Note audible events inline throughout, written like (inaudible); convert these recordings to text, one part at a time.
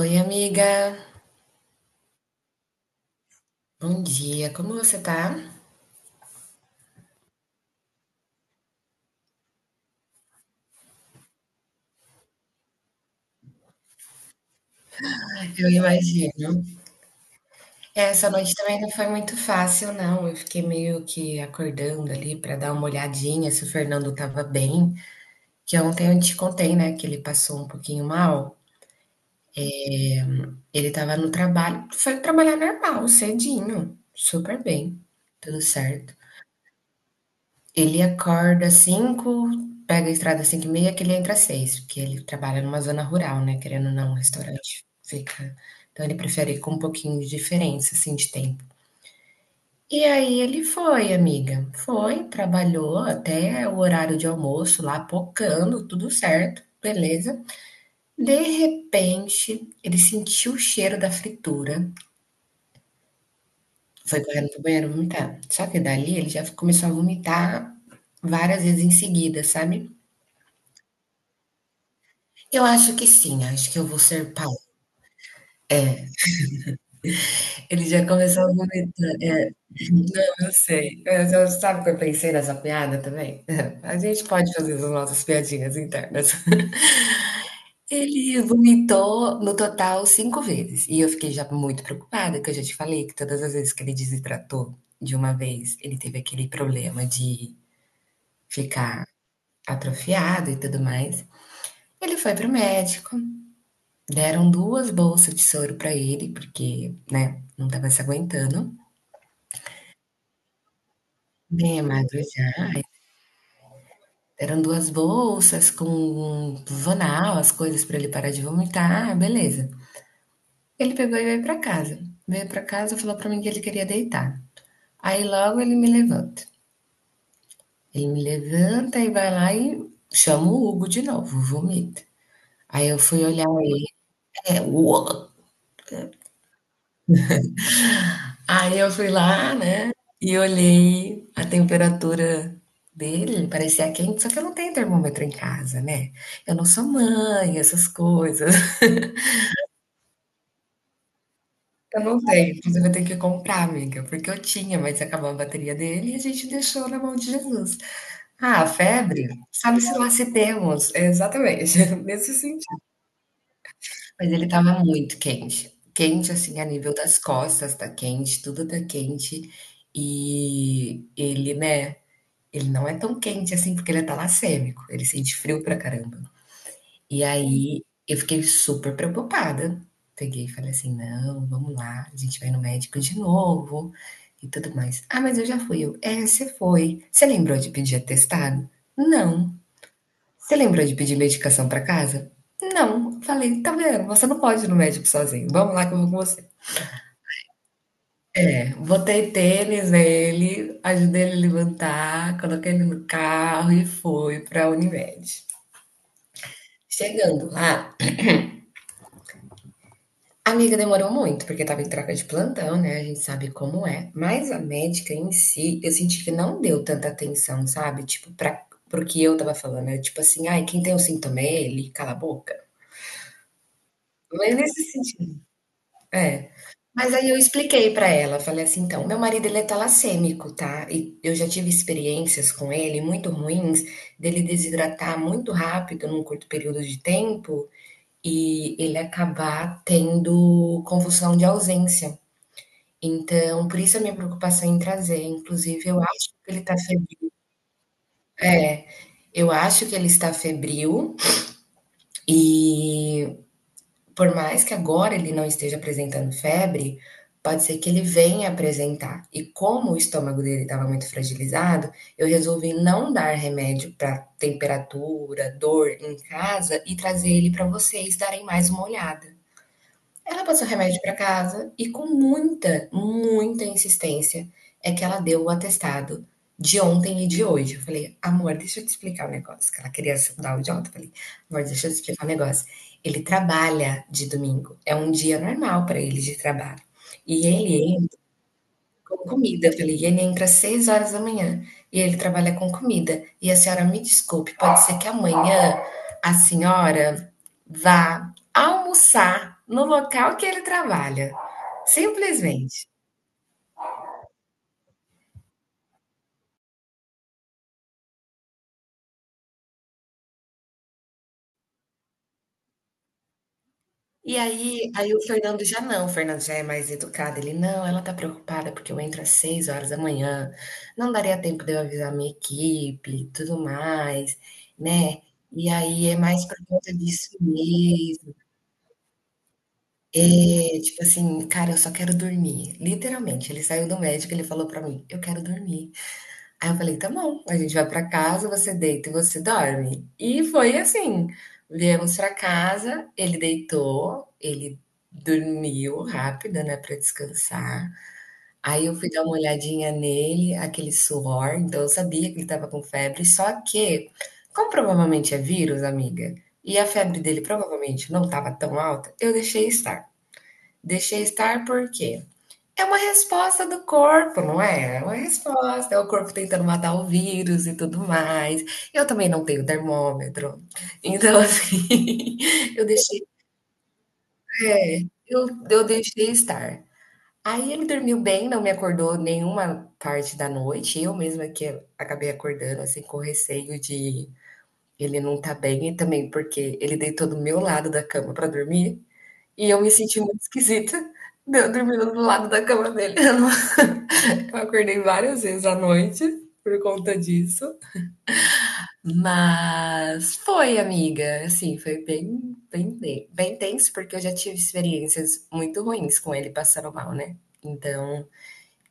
Oi, amiga. Bom dia. Como você tá? Eu imagino. Essa noite também não foi muito fácil, não. Eu fiquei meio que acordando ali para dar uma olhadinha se o Fernando tava bem. Que ontem eu te contei, né, que ele passou um pouquinho mal. Ele tava no trabalho, foi trabalhar normal, cedinho, super bem, tudo certo. Ele acorda às 5h, pega a estrada às 5h30 que ele entra às 6h, porque ele trabalha numa zona rural, né, querendo ou não, o restaurante fica. Então ele prefere ir com um pouquinho de diferença, assim, de tempo. E aí ele foi, amiga, foi, trabalhou até o horário de almoço lá, pocando, tudo certo, beleza. De repente, ele sentiu o cheiro da fritura, foi correndo pro banheiro vomitar. Só que dali ele já começou a vomitar várias vezes em seguida, sabe? Eu acho que sim, acho que eu vou ser pai. Ele já começou a vomitar. Não, eu sei. Mas sabe o que eu pensei nessa piada também? (laughs) A gente pode fazer as nossas piadinhas internas. Ele vomitou no total cinco vezes. E eu fiquei já muito preocupada, que eu já te falei que todas as vezes que ele desidratou de uma vez, ele teve aquele problema de ficar atrofiado e tudo mais. Ele foi pro médico, deram duas bolsas de soro pra ele, porque, né, não tava se aguentando. Bem magro já. Eram 2 bolsas com um Vanal, as coisas pra ele parar de vomitar, ah, beleza. Ele pegou e veio pra casa. Veio pra casa, falou pra mim que ele queria deitar. Aí logo ele me levanta. Ele me levanta e vai lá e chama o Hugo de novo, vomita. Aí eu fui olhar ele, é, uou. Aí eu fui lá, né, e olhei a temperatura dele, parecia quente, só que eu não tenho termômetro em casa, né? Eu não sou mãe, essas coisas. Eu não tenho, inclusive eu tenho que comprar, amiga, porque eu tinha, mas acabou a bateria dele e a gente deixou na mão de Jesus. Ah, a febre, sabe se lá se temos. É, exatamente, (laughs) nesse sentido. Mas ele tava muito quente, quente assim a nível das costas, tá quente, tudo tá quente. E ele, né, ele não é tão quente assim porque ele é talassêmico, ele sente frio pra caramba. E aí eu fiquei super preocupada. Peguei e falei assim: não, vamos lá, a gente vai no médico de novo e tudo mais. Ah, mas eu já fui. Você foi. Você lembrou de pedir atestado? Não. Você lembrou de pedir medicação para casa? Não. Falei, tá vendo? Você não pode ir no médico sozinho. Vamos lá que eu vou com você. Botei tênis nele, ajudei ele a levantar, coloquei ele no carro e fui para a Unimed. Chegando lá, amiga, demorou muito, porque estava em troca de plantão, né? A gente sabe como é. Mas a médica em si, eu senti que não deu tanta atenção, sabe? Tipo, para pro que eu tava falando. É tipo assim, ai, quem tem um sintoma é ele, cala a boca. Mas nesse sentido, é. Mas aí eu expliquei pra ela, falei assim, então, meu marido ele é talassêmico, tá? E eu já tive experiências com ele muito ruins, dele desidratar muito rápido num curto período de tempo e ele acabar tendo convulsão de ausência. Então, por isso a minha preocupação em trazer, inclusive eu acho que ele está febril, é, eu acho que ele está febril e por mais que agora ele não esteja apresentando febre, pode ser que ele venha apresentar. E como o estômago dele estava muito fragilizado, eu resolvi não dar remédio para temperatura, dor em casa e trazer ele para vocês darem mais uma olhada. Ela passou remédio para casa e com muita, muita insistência é que ela deu o atestado de ontem e de hoje. Eu falei: "Amor, deixa eu te explicar o negócio", que ela queria dar o idiota, eu falei: "Amor, deixa eu te explicar o negócio. Ele trabalha de domingo, é um dia normal para ele de trabalho. E ele com comida, eu falei, e ele entra às 6 horas da manhã e ele trabalha com comida. E a senhora me desculpe, pode ser que amanhã a senhora vá almoçar no local que ele trabalha. Simplesmente." E aí o Fernando já não, o Fernando já é mais educado, ele: "Não, ela tá preocupada porque eu entro às 6 horas da manhã, não daria tempo de eu avisar minha equipe e tudo mais, né". E aí é mais por conta disso mesmo. É, tipo assim, cara, eu só quero dormir. Literalmente, ele saiu do médico, ele falou pra mim, eu quero dormir. Aí eu falei, tá bom, a gente vai pra casa, você deita e você dorme. E foi assim. Viemos pra casa, ele deitou, ele dormiu rápido, né, pra descansar. Aí eu fui dar uma olhadinha nele, aquele suor, então eu sabia que ele tava com febre, só que, como provavelmente é vírus, amiga, e a febre dele provavelmente não tava tão alta, eu deixei estar. Deixei estar por quê? É uma resposta do corpo, não é? É uma resposta, é o corpo tentando matar o vírus e tudo mais. Eu também não tenho termômetro. Então, assim, (laughs) eu deixei, é, eu deixei estar. Aí ele dormiu bem, não me acordou nenhuma parte da noite, eu mesma que acabei acordando, assim, com receio de ele não estar bem e também porque ele deitou do meu lado da cama para dormir, e eu me senti muito esquisita, eu dormindo do lado da cama dele. Eu não Eu acordei várias vezes à noite por conta disso, mas foi, amiga, assim, foi bem, bem, bem tenso, porque eu já tive experiências muito ruins com ele passando mal, né? Então,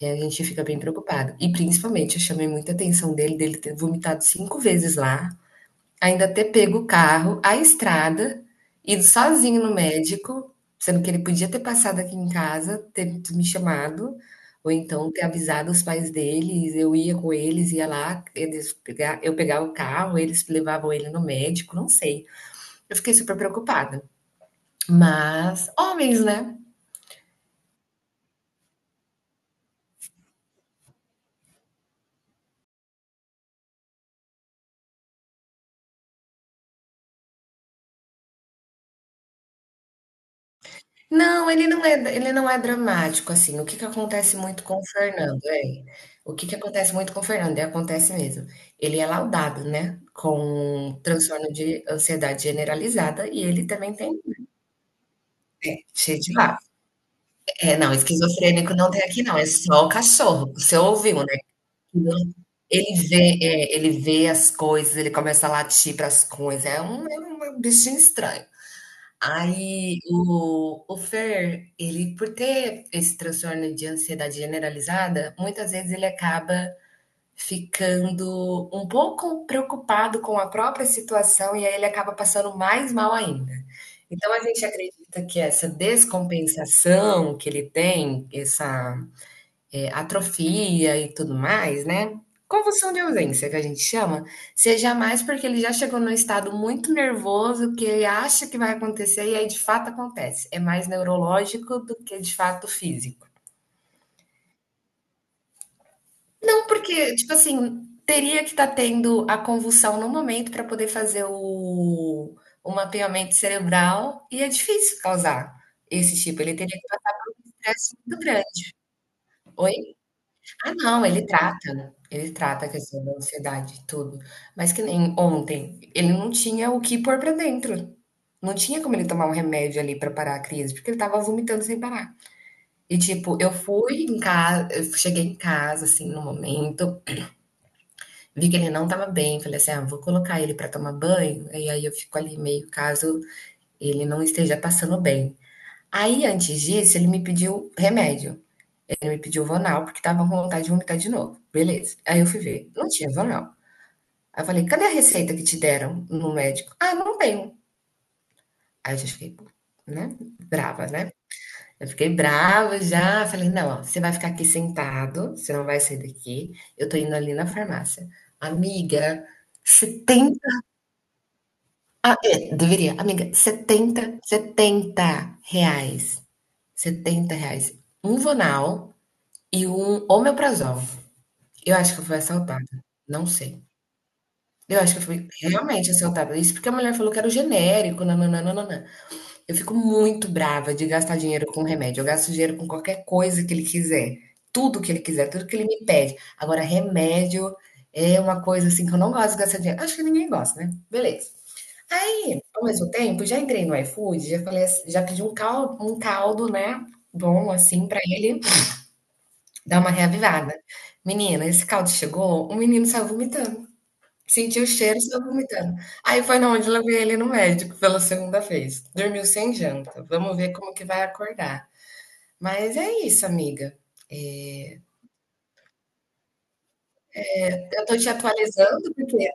a gente fica bem preocupado. E principalmente, eu chamei muita atenção dele, dele ter vomitado cinco vezes lá. Ainda ter pego o carro, a estrada, ido sozinho no médico, sendo que ele podia ter passado aqui em casa, ter me chamado, ou então ter avisado os pais deles, eu ia com eles, ia lá, eles pega eu pegava o carro, eles levavam ele no médico, não sei. Eu fiquei super preocupada. Mas homens, né? Não, ele não é dramático, assim. O que que acontece muito com o Fernando, é? O que que acontece muito com o Fernando, e acontece mesmo. Ele é laudado, né, com transtorno de ansiedade generalizada e ele também tem cheio de lá. É, não, esquizofrênico não tem aqui não, é só o cachorro. Você ouviu, né? Ele vê as coisas, ele começa a latir para as coisas. É um bichinho estranho. Aí o Fer, ele por ter esse transtorno de ansiedade generalizada, muitas vezes ele acaba ficando um pouco preocupado com a própria situação e aí ele acaba passando mais mal ainda. Então a gente acredita que essa descompensação que ele tem, essa atrofia e tudo mais, né? Convulsão de ausência, que a gente chama, seja mais porque ele já chegou num estado muito nervoso que ele acha que vai acontecer e aí de fato acontece. É mais neurológico do que de fato físico. Não, porque, tipo assim, teria que estar tendo a convulsão no momento para poder fazer o mapeamento cerebral e é difícil causar esse tipo. Ele teria que ter um estresse muito grande. Oi? Ah, não, ele trata, né? Ele trata a questão da ansiedade, tudo. Mas que nem ontem, ele não tinha o que pôr pra dentro. Não tinha como ele tomar um remédio ali pra parar a crise, porque ele tava vomitando sem parar. E tipo, eu fui em casa, eu cheguei em casa, assim, no momento, vi que ele não tava bem, falei assim, ah, vou colocar ele pra tomar banho, e aí eu fico ali meio caso ele não esteja passando bem. Aí, antes disso, ele me pediu remédio. Ele me pediu Vonal, porque estava com vontade de vomitar de novo. Beleza. Aí eu fui ver, não tinha Vonal. Aí eu falei, cadê a receita que te deram no médico? Ah, não tenho. Aí eu já fiquei, né, brava, né? Eu fiquei brava já. Falei, não, ó, você vai ficar aqui sentado, você não vai sair daqui. Eu tô indo ali na farmácia. Amiga, setenta, ah, é, deveria. Amiga, 70, R$ 70, R$ 70. Um Vonal e um omeprazol. Eu acho que eu fui assaltada, não sei. Eu acho que eu fui realmente assaltada, isso porque a mulher falou que era o genérico, nã-nã-nã-nã-nã. Eu fico muito brava de gastar dinheiro com remédio, eu gasto dinheiro com qualquer coisa que ele quiser, tudo que ele quiser, tudo que ele me pede. Agora remédio é uma coisa, assim, que eu não gosto de gastar dinheiro, acho que ninguém gosta, né, beleza. Aí, ao mesmo tempo, já entrei no iFood, já falei assi já pedi um caldo, né, bom, assim, pra ele dar uma reavivada. Menina, esse caldo chegou, o menino saiu vomitando. Senti o cheiro e saiu vomitando. Aí foi na onde eu levei ele no médico pela segunda vez. Dormiu sem janta. Vamos ver como que vai acordar. Mas é isso, amiga. É, eu tô te atualizando, porque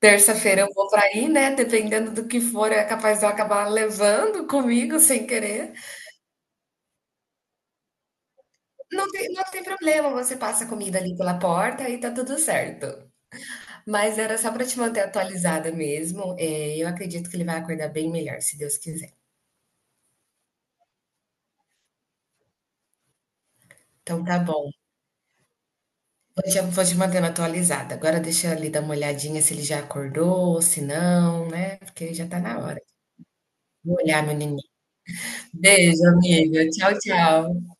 terça-feira eu vou pra aí, né? Dependendo do que for, é capaz de eu acabar levando comigo sem querer. Não tem, não tem problema, você passa a comida ali pela porta e tá tudo certo. Mas era só pra te manter atualizada mesmo. É, eu acredito que ele vai acordar bem melhor, se Deus quiser. Então tá bom. Hoje te, vou te mantendo atualizada. Agora deixa ele dar uma olhadinha se ele já acordou, se não, né? Porque já tá na hora. Vou olhar, meu neném. Beijo, amiga. Tchau, tchau.